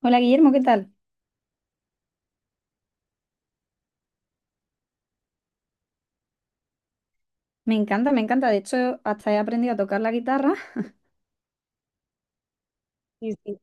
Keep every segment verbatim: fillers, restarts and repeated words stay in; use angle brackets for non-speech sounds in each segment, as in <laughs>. Hola Guillermo, ¿qué tal? Me encanta, me encanta. De hecho, hasta he aprendido a tocar la guitarra. Sí, sí.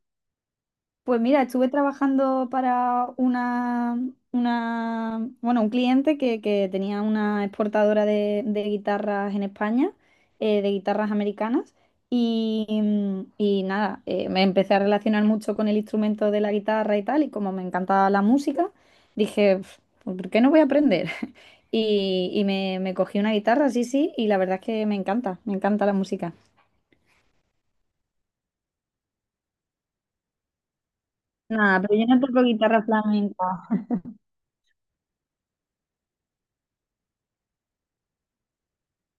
Pues mira, estuve trabajando para una, una, bueno, un cliente que, que tenía una exportadora de, de guitarras en España, eh, de guitarras americanas. Y, mm, y nada, eh, me empecé a relacionar mucho con el instrumento de la guitarra y tal. Y como me encantaba la música, dije, "Pf, pues, ¿por qué no voy a aprender? <laughs> Y, y me, me cogí una guitarra, sí, sí, y la verdad es que me encanta, me encanta la música. Nada, pero yo no toco guitarra flamenca.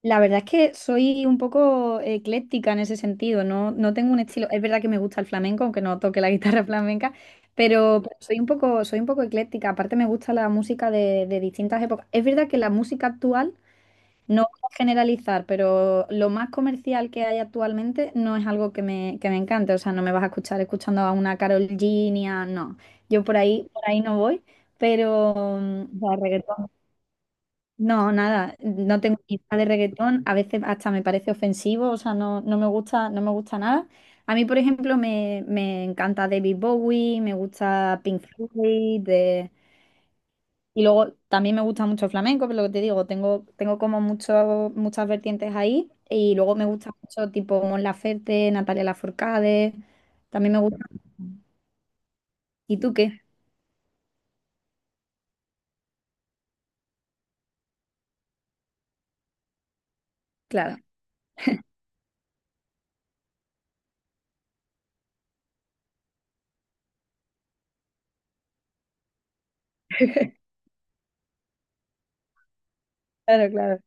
La verdad es que soy un poco ecléctica en ese sentido, no, no tengo un estilo. Es verdad que me gusta el flamenco, aunque no toque la <laughs> guitarra flamenca, pero, pero soy un poco, soy un poco ecléctica. Aparte me gusta la música de, de distintas épocas. Es verdad que la música actual, no voy a generalizar, pero lo más comercial que hay actualmente no es algo que me, que me encante. O sea, no me vas a escuchar escuchando a una Karol G, ni a- no. Yo por ahí, por ahí no voy, pero mm, o sea, reggaetón. No, nada, no tengo ni idea de reggaetón, a veces hasta me parece ofensivo, o sea, no, no me gusta, no me gusta nada. A mí, por ejemplo, me, me encanta David Bowie, me gusta Pink Floyd, de- y luego también me gusta mucho el flamenco, pero lo que te digo, tengo, tengo como mucho, muchas vertientes ahí, y luego me gusta mucho tipo Mon Laferte, Natalia Lafourcade, también me gusta. ¿Y tú qué? Claro. <laughs> Claro, claro.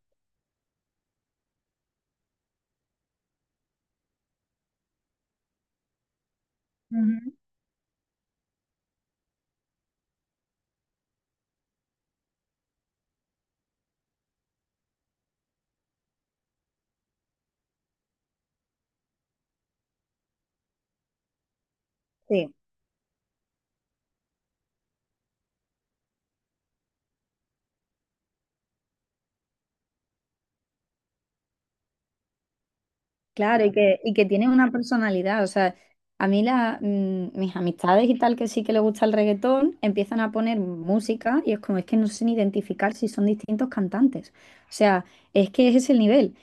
Ujú. Sí. Claro, y que, y que tiene una personalidad. O sea, a mí la, mm, mis amistades y tal que sí que les gusta el reggaetón empiezan a poner música y es como, es que no sé ni identificar si son distintos cantantes. O sea, es que es ese es el nivel.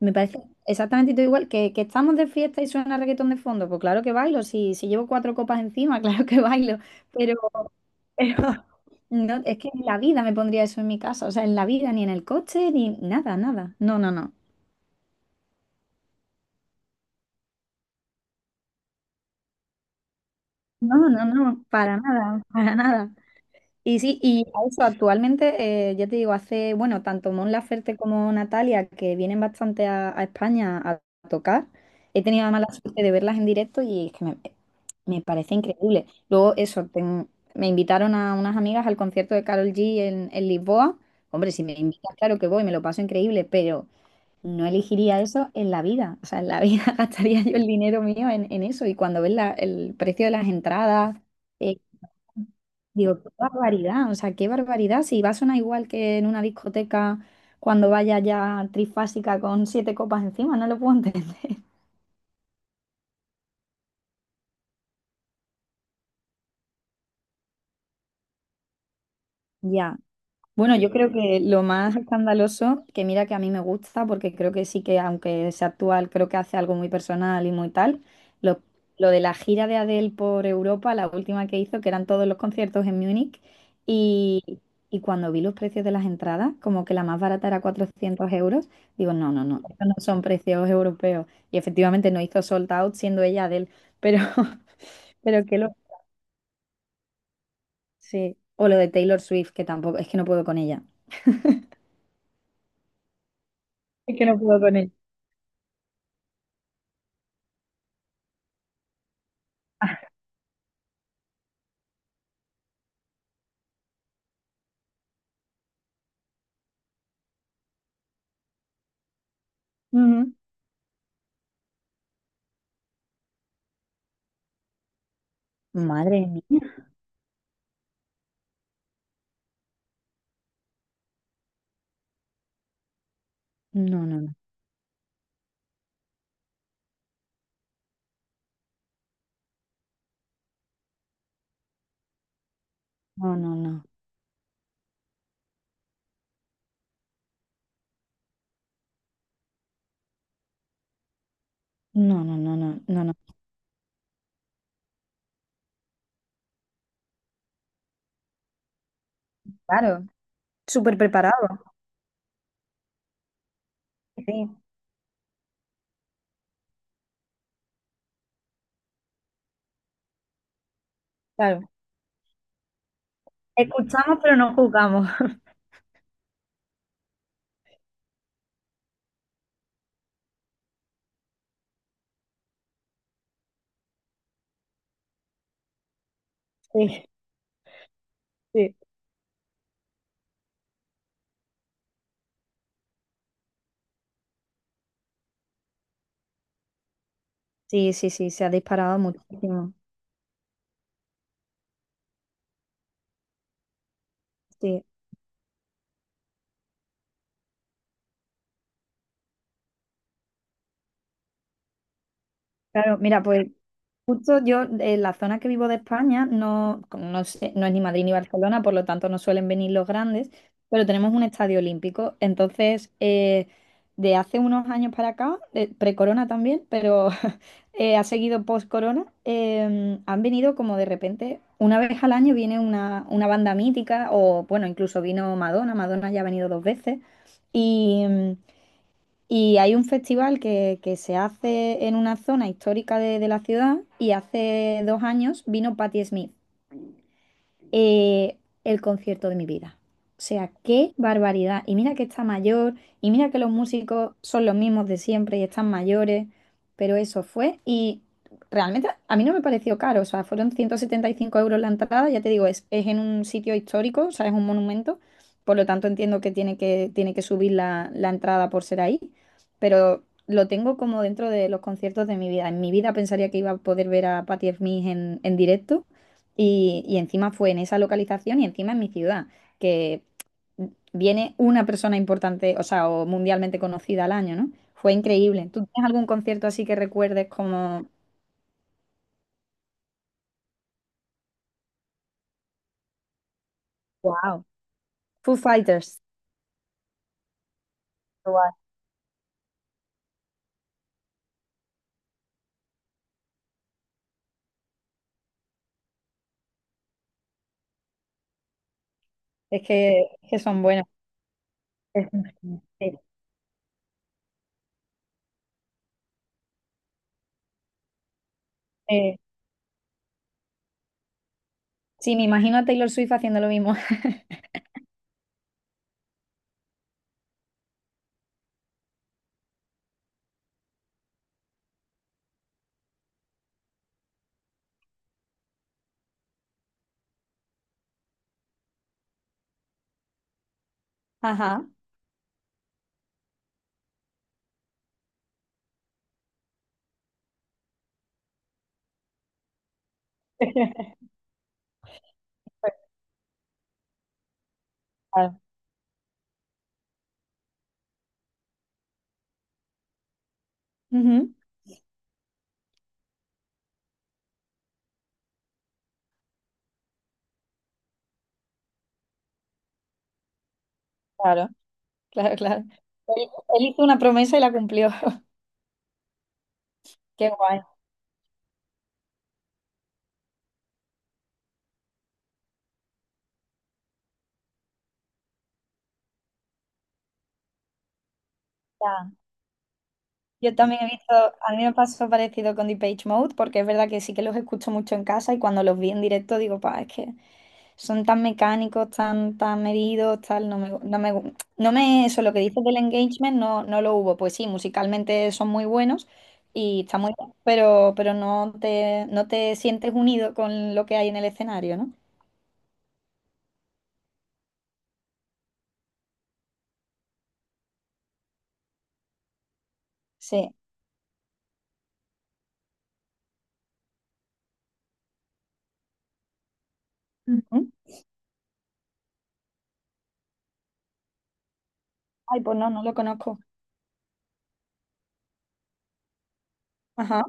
Me parece exactamente todo igual que, que estamos de fiesta y suena reggaetón de fondo. Pues claro que bailo, si, si llevo cuatro copas encima, <laughs> claro que bailo. Pero, <laughs> pero no, es que en la vida me pondría eso en mi casa. O sea, en la vida, ni en el coche, ni nada, nada. No, no, no. No, no, no, para nada, para nada. Y sí, y a eso actualmente, eh, ya te digo, hace, bueno, tanto Mon Laferte como Natalia, que vienen bastante a, a España a tocar, he tenido además la mala suerte de verlas en directo y es que me, me parece increíble. Luego, eso, ten- me invitaron a unas amigas al concierto de Carol G en, en Lisboa. Hombre, si me invitas, claro que voy, me lo paso increíble, pero no elegiría eso en la vida. O sea, en la vida <laughs> gastaría yo el dinero mío en, en eso. Y cuando ves la- el precio de las entradas eh, digo, qué barbaridad, o sea, qué barbaridad. Si va a sonar igual que en una discoteca cuando vaya ya trifásica con siete copas encima, no lo puedo entender. <laughs> Ya, bueno, yo creo que lo más escandaloso, que mira que a mí me gusta, porque creo que sí que, aunque sea actual, creo que hace algo muy personal y muy tal, lo, lo de la gira de Adele por Europa, la última que hizo, que eran todos los conciertos en Múnich, y, y cuando vi los precios de las entradas, como que la más barata era cuatrocientos euros, digo, no, no, no, estos no son precios europeos. Y efectivamente no hizo sold out siendo ella Adele, pero, <laughs> pero que lo... Sí, o lo de Taylor Swift, que tampoco, es que no puedo con ella. Es que no puedo con él. Ujú. Madre mía. No, no, no. No, no, no. No, no, no, no, no, no. Claro. Súper preparado. Sí, claro. Escuchamos, pero no juzgamos. <laughs> Sí, sí. Sí, sí, sí, se ha disparado muchísimo. Sí. Claro, mira, pues justo yo, en la zona que vivo de España, no, no sé- no es ni Madrid ni Barcelona, por lo tanto no suelen venir los grandes, pero tenemos un estadio olímpico. Entonces, eh, de hace unos años para acá, de- pre-corona también, pero <laughs> eh, ha seguido post-corona, eh, han venido como de repente, una vez al año viene una, una banda mítica, o bueno, incluso vino Madonna, Madonna ya ha venido dos veces. Y hay un festival que, que se hace en una zona histórica de, de la ciudad y hace dos años vino Patti Smith, eh, el concierto de mi vida. O sea, qué barbaridad. Y mira que está mayor, y mira que los músicos son los mismos de siempre y están mayores, pero eso fue. Y realmente a mí no me pareció caro, o sea, fueron ciento setenta y cinco euros la entrada, ya te digo, es, es en un sitio histórico, o sea, es un monumento, por lo tanto entiendo que tiene que, tiene que subir la, la entrada por ser ahí, pero lo tengo como dentro de los conciertos de mi vida. En mi vida pensaría que iba a poder ver a Patti Smith en, en directo y, y encima fue en esa localización y encima en mi ciudad, que viene una persona importante, o sea, o mundialmente conocida al año, ¿no? Fue increíble. ¿Tú tienes algún concierto así que recuerdes como, wow, Foo Fighters? Guau. Es que, es que son buenos. Es- Sí, eh, sí, me imagino a Taylor Swift haciendo lo mismo. <laughs> Ajá. <laughs> Claro. Ujú, claro, claro, claro. Él, él hizo una promesa y la cumplió. <laughs> Qué guay. Yo también he visto, a mí me pasó parecido con Depeche Mode, porque es verdad que sí que los escucho mucho en casa y cuando los vi en directo digo, pa, es que son tan mecánicos, tan, tan medidos, tal, no me, no me, gu- no me, eso, lo que dices del engagement no, no lo hubo. Pues sí, musicalmente son muy buenos y está muy bien, pero, pero no te, no te sientes unido con lo que hay en el escenario, ¿no? Sí. Ujú. Ay, pues no, no lo conozco. Ajá,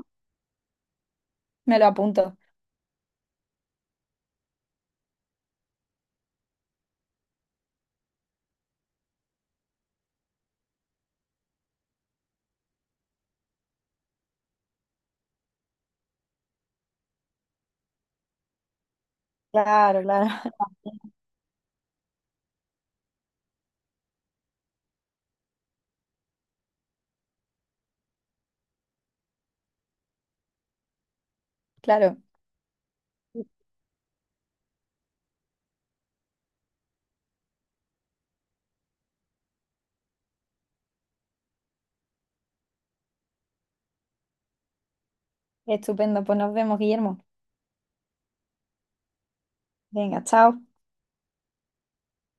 me lo apunto. Claro, claro, <laughs> claro. Estupendo, pues nos vemos, Guillermo. Venga, chao.